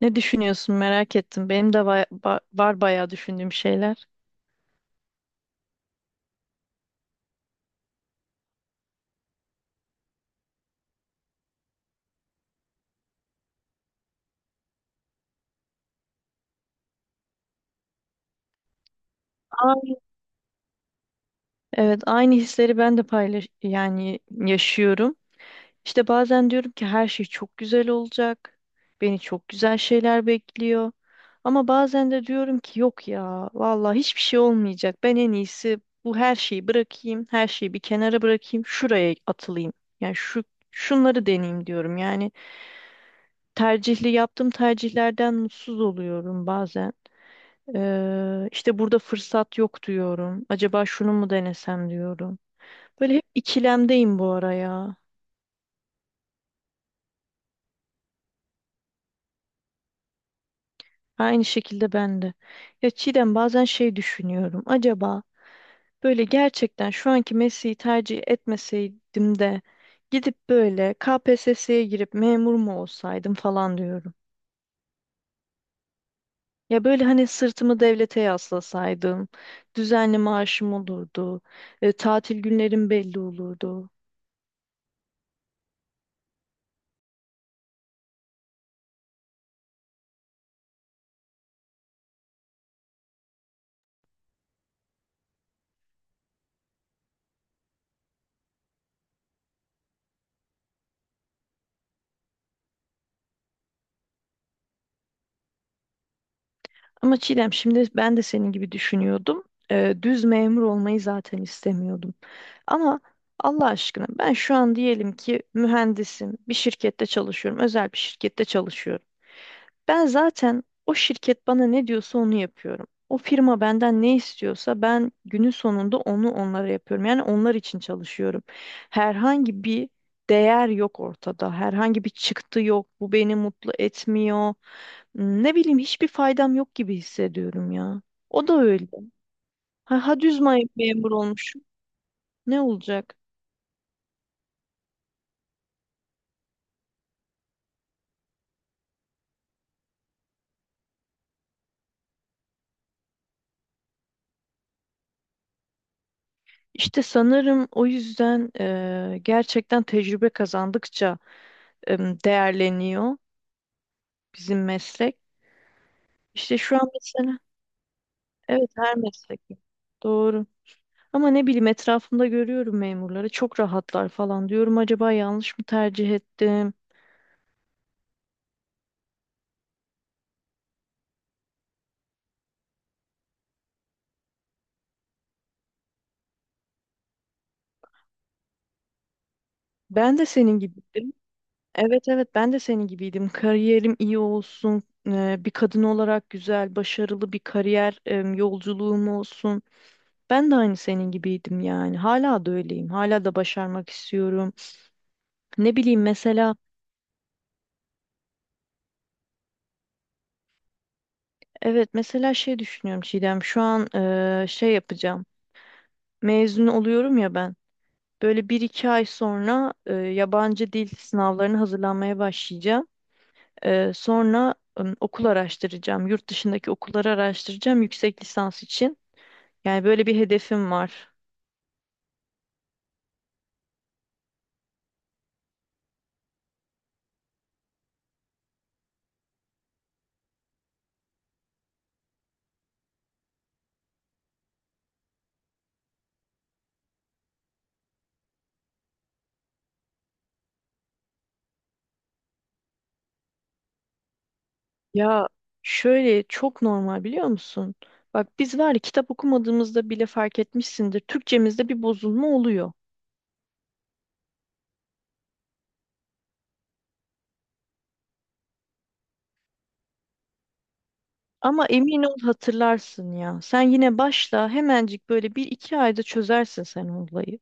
Ne düşünüyorsun merak ettim. Benim de var bayağı düşündüğüm şeyler. Ay. Evet, aynı hisleri ben de yani yaşıyorum. İşte bazen diyorum ki her şey çok güzel olacak. Beni çok güzel şeyler bekliyor. Ama bazen de diyorum ki yok ya vallahi hiçbir şey olmayacak. Ben en iyisi bu her şeyi bırakayım. Her şeyi bir kenara bırakayım. Şuraya atılayım. Yani şunları deneyeyim diyorum. Yani tercihli yaptığım tercihlerden mutsuz oluyorum bazen. İşte burada fırsat yok diyorum. Acaba şunu mu denesem diyorum. Böyle hep ikilemdeyim bu ara ya. Aynı şekilde ben de. Ya Çiğdem, bazen şey düşünüyorum. Acaba böyle gerçekten şu anki mesleği tercih etmeseydim de gidip böyle KPSS'ye girip memur mu olsaydım falan diyorum. Ya böyle hani sırtımı devlete yaslasaydım, düzenli maaşım olurdu, tatil günlerim belli olurdu. Ama Çiğdem, şimdi ben de senin gibi düşünüyordum. Düz memur olmayı zaten istemiyordum. Ama Allah aşkına, ben şu an diyelim ki mühendisim, bir şirkette çalışıyorum, özel bir şirkette çalışıyorum. Ben zaten o şirket bana ne diyorsa onu yapıyorum. O firma benden ne istiyorsa ben günün sonunda onu onlara yapıyorum. Yani onlar için çalışıyorum. Herhangi bir değer yok ortada. Herhangi bir çıktı yok. Bu beni mutlu etmiyor. Ne bileyim, hiçbir faydam yok gibi hissediyorum ya. O da öyle. Ha, ha düz memur olmuşum. Ne olacak? İşte sanırım o yüzden gerçekten tecrübe kazandıkça değerleniyor bizim meslek. İşte şu an mesela evet her meslek. Doğru. Ama ne bileyim, etrafımda görüyorum memurları çok rahatlar falan diyorum, acaba yanlış mı tercih ettim? Ben de senin gibi. Evet, evet, ben de senin gibiydim. Kariyerim iyi olsun, bir kadın olarak güzel, başarılı bir kariyer yolculuğum olsun. Ben de aynı senin gibiydim yani. Hala da öyleyim. Hala da başarmak istiyorum. Ne bileyim mesela, evet mesela şey düşünüyorum Çiğdem. Şu an şey yapacağım. Mezun oluyorum ya ben. Böyle bir iki ay sonra yabancı dil sınavlarına hazırlanmaya başlayacağım. Sonra okul araştıracağım. Yurt dışındaki okulları araştıracağım yüksek lisans için. Yani böyle bir hedefim var. Ya, şöyle çok normal, biliyor musun? Bak biz var ya, kitap okumadığımızda bile fark etmişsindir. Türkçemizde bir bozulma oluyor. Ama emin ol, hatırlarsın ya. Sen yine başla, hemencik böyle bir iki ayda çözersin sen o olayı.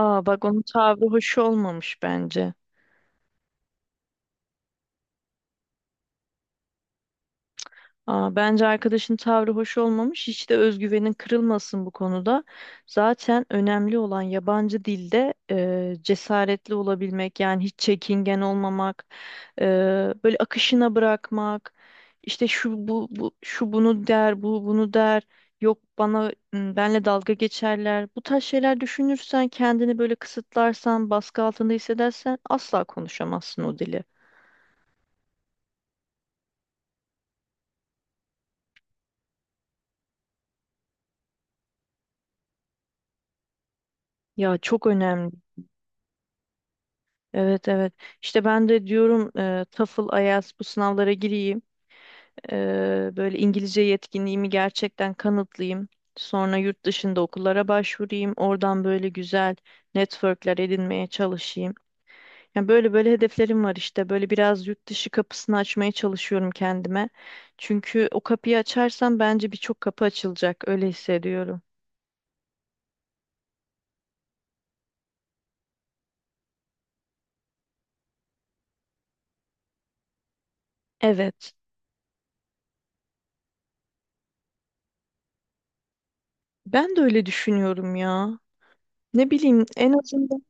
Aa, bak onun tavrı hoş olmamış bence. Aa, bence arkadaşın tavrı hoş olmamış. Hiç de özgüvenin kırılmasın bu konuda. Zaten önemli olan yabancı dilde cesaretli olabilmek, yani hiç çekingen olmamak, e, böyle akışına bırakmak. İşte şu bu, bu şu bunu der, bu bunu der. Yok, bana benle dalga geçerler. Bu tarz şeyler düşünürsen, kendini böyle kısıtlarsan, baskı altında hissedersen asla konuşamazsın o dili. Ya, çok önemli. Evet, evet. İşte ben de diyorum TOEFL, IELTS bu sınavlara gireyim. Böyle İngilizce yetkinliğimi gerçekten kanıtlayayım. Sonra yurt dışında okullara başvurayım. Oradan böyle güzel networkler edinmeye çalışayım. Yani böyle böyle hedeflerim var işte. Böyle biraz yurt dışı kapısını açmaya çalışıyorum kendime. Çünkü o kapıyı açarsam bence birçok kapı açılacak. Öyle hissediyorum. Evet. Ben de öyle düşünüyorum ya. Ne bileyim, en azından.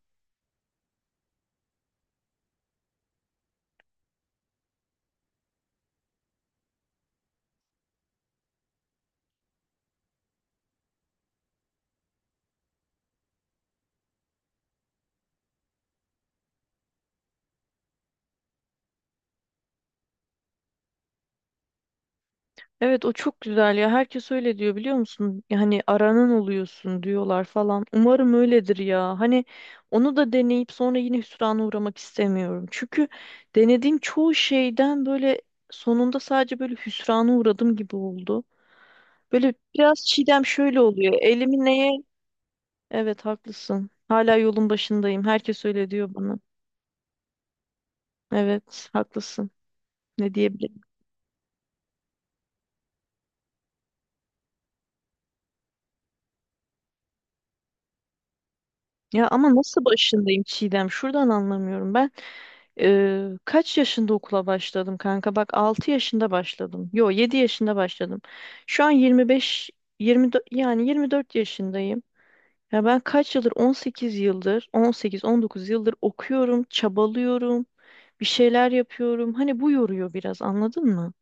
Evet, o çok güzel ya. Herkes öyle diyor, biliyor musun? Yani aranan oluyorsun diyorlar falan. Umarım öyledir ya. Hani onu da deneyip sonra yine hüsrana uğramak istemiyorum. Çünkü denediğim çoğu şeyden böyle sonunda sadece böyle hüsrana uğradım gibi oldu. Böyle biraz Çiğdem, şöyle oluyor. Elimi neye? Evet, haklısın. Hala yolun başındayım. Herkes öyle diyor bana. Evet, haklısın. Ne diyebilirim? Ya ama nasıl başındayım Çiğdem? Şuradan anlamıyorum ben. Kaç yaşında okula başladım kanka? Bak 6 yaşında başladım. Yo, 7 yaşında başladım. Şu an 24, yani 24 yaşındayım. Ya ben kaç yıldır 18 yıldır on sekiz on dokuz yıldır okuyorum, çabalıyorum, bir şeyler yapıyorum. Hani bu yoruyor biraz, anladın mı?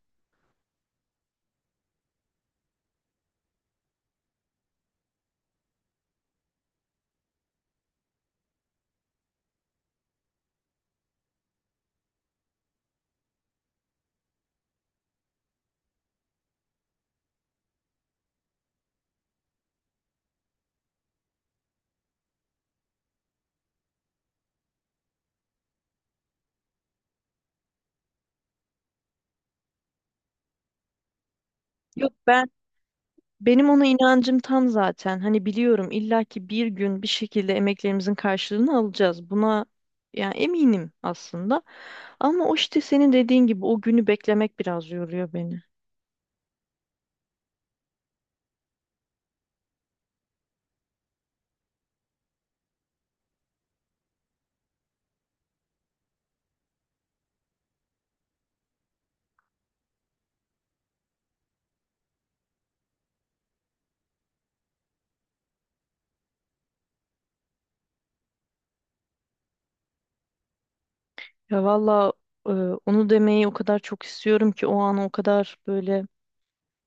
Yok, ben. Benim ona inancım tam zaten. Hani biliyorum, illaki bir gün bir şekilde emeklerimizin karşılığını alacağız. Buna yani eminim aslında. Ama o işte senin dediğin gibi o günü beklemek biraz yoruyor beni. Ya valla, e, onu demeyi o kadar çok istiyorum ki o an o kadar böyle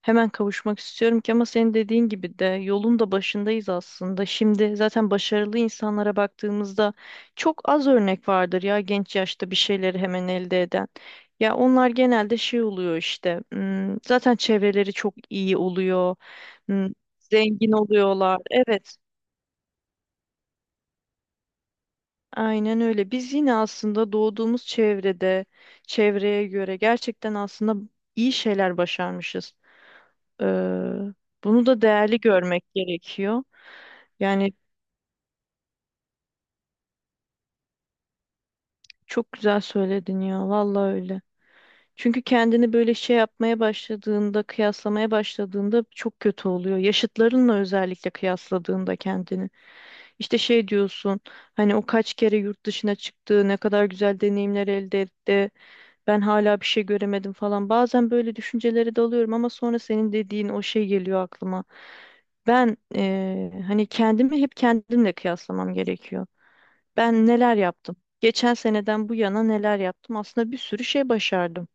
hemen kavuşmak istiyorum ki, ama senin dediğin gibi de yolun da başındayız aslında. Şimdi zaten başarılı insanlara baktığımızda çok az örnek vardır ya genç yaşta bir şeyleri hemen elde eden. Ya onlar genelde şey oluyor işte. Zaten çevreleri çok iyi oluyor. hmm, Zengin oluyorlar. Evet. Aynen öyle. Biz yine aslında doğduğumuz çevrede, çevreye göre gerçekten aslında iyi şeyler başarmışız. Eee, bunu da değerli görmek gerekiyor. Yani çok güzel söyledin ya, vallahi öyle. Çünkü kendini böyle şey yapmaya başladığında, kıyaslamaya başladığında çok kötü oluyor. Yaşıtlarınla özellikle kıyasladığında kendini. İşte şey diyorsun, hani o kaç kere yurt dışına çıktı, ne kadar güzel deneyimler elde etti. Ben hala bir şey göremedim falan. Bazen böyle düşüncelere dalıyorum ama sonra senin dediğin o şey geliyor aklıma. Ben hani kendimi hep kendimle kıyaslamam gerekiyor. Ben neler yaptım? Geçen seneden bu yana neler yaptım? Aslında bir sürü şey başardım.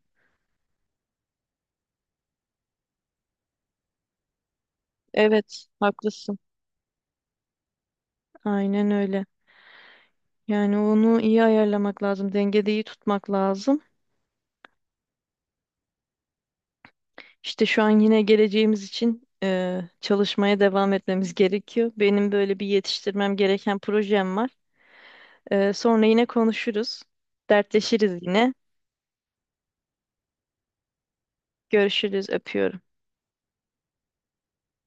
Evet, haklısın. Aynen öyle. Yani onu iyi ayarlamak lazım, dengede iyi tutmak lazım. İşte şu an yine geleceğimiz için çalışmaya devam etmemiz gerekiyor. Benim böyle bir yetiştirmem gereken projem var. Sonra yine konuşuruz. Dertleşiriz yine. Görüşürüz. Öpüyorum.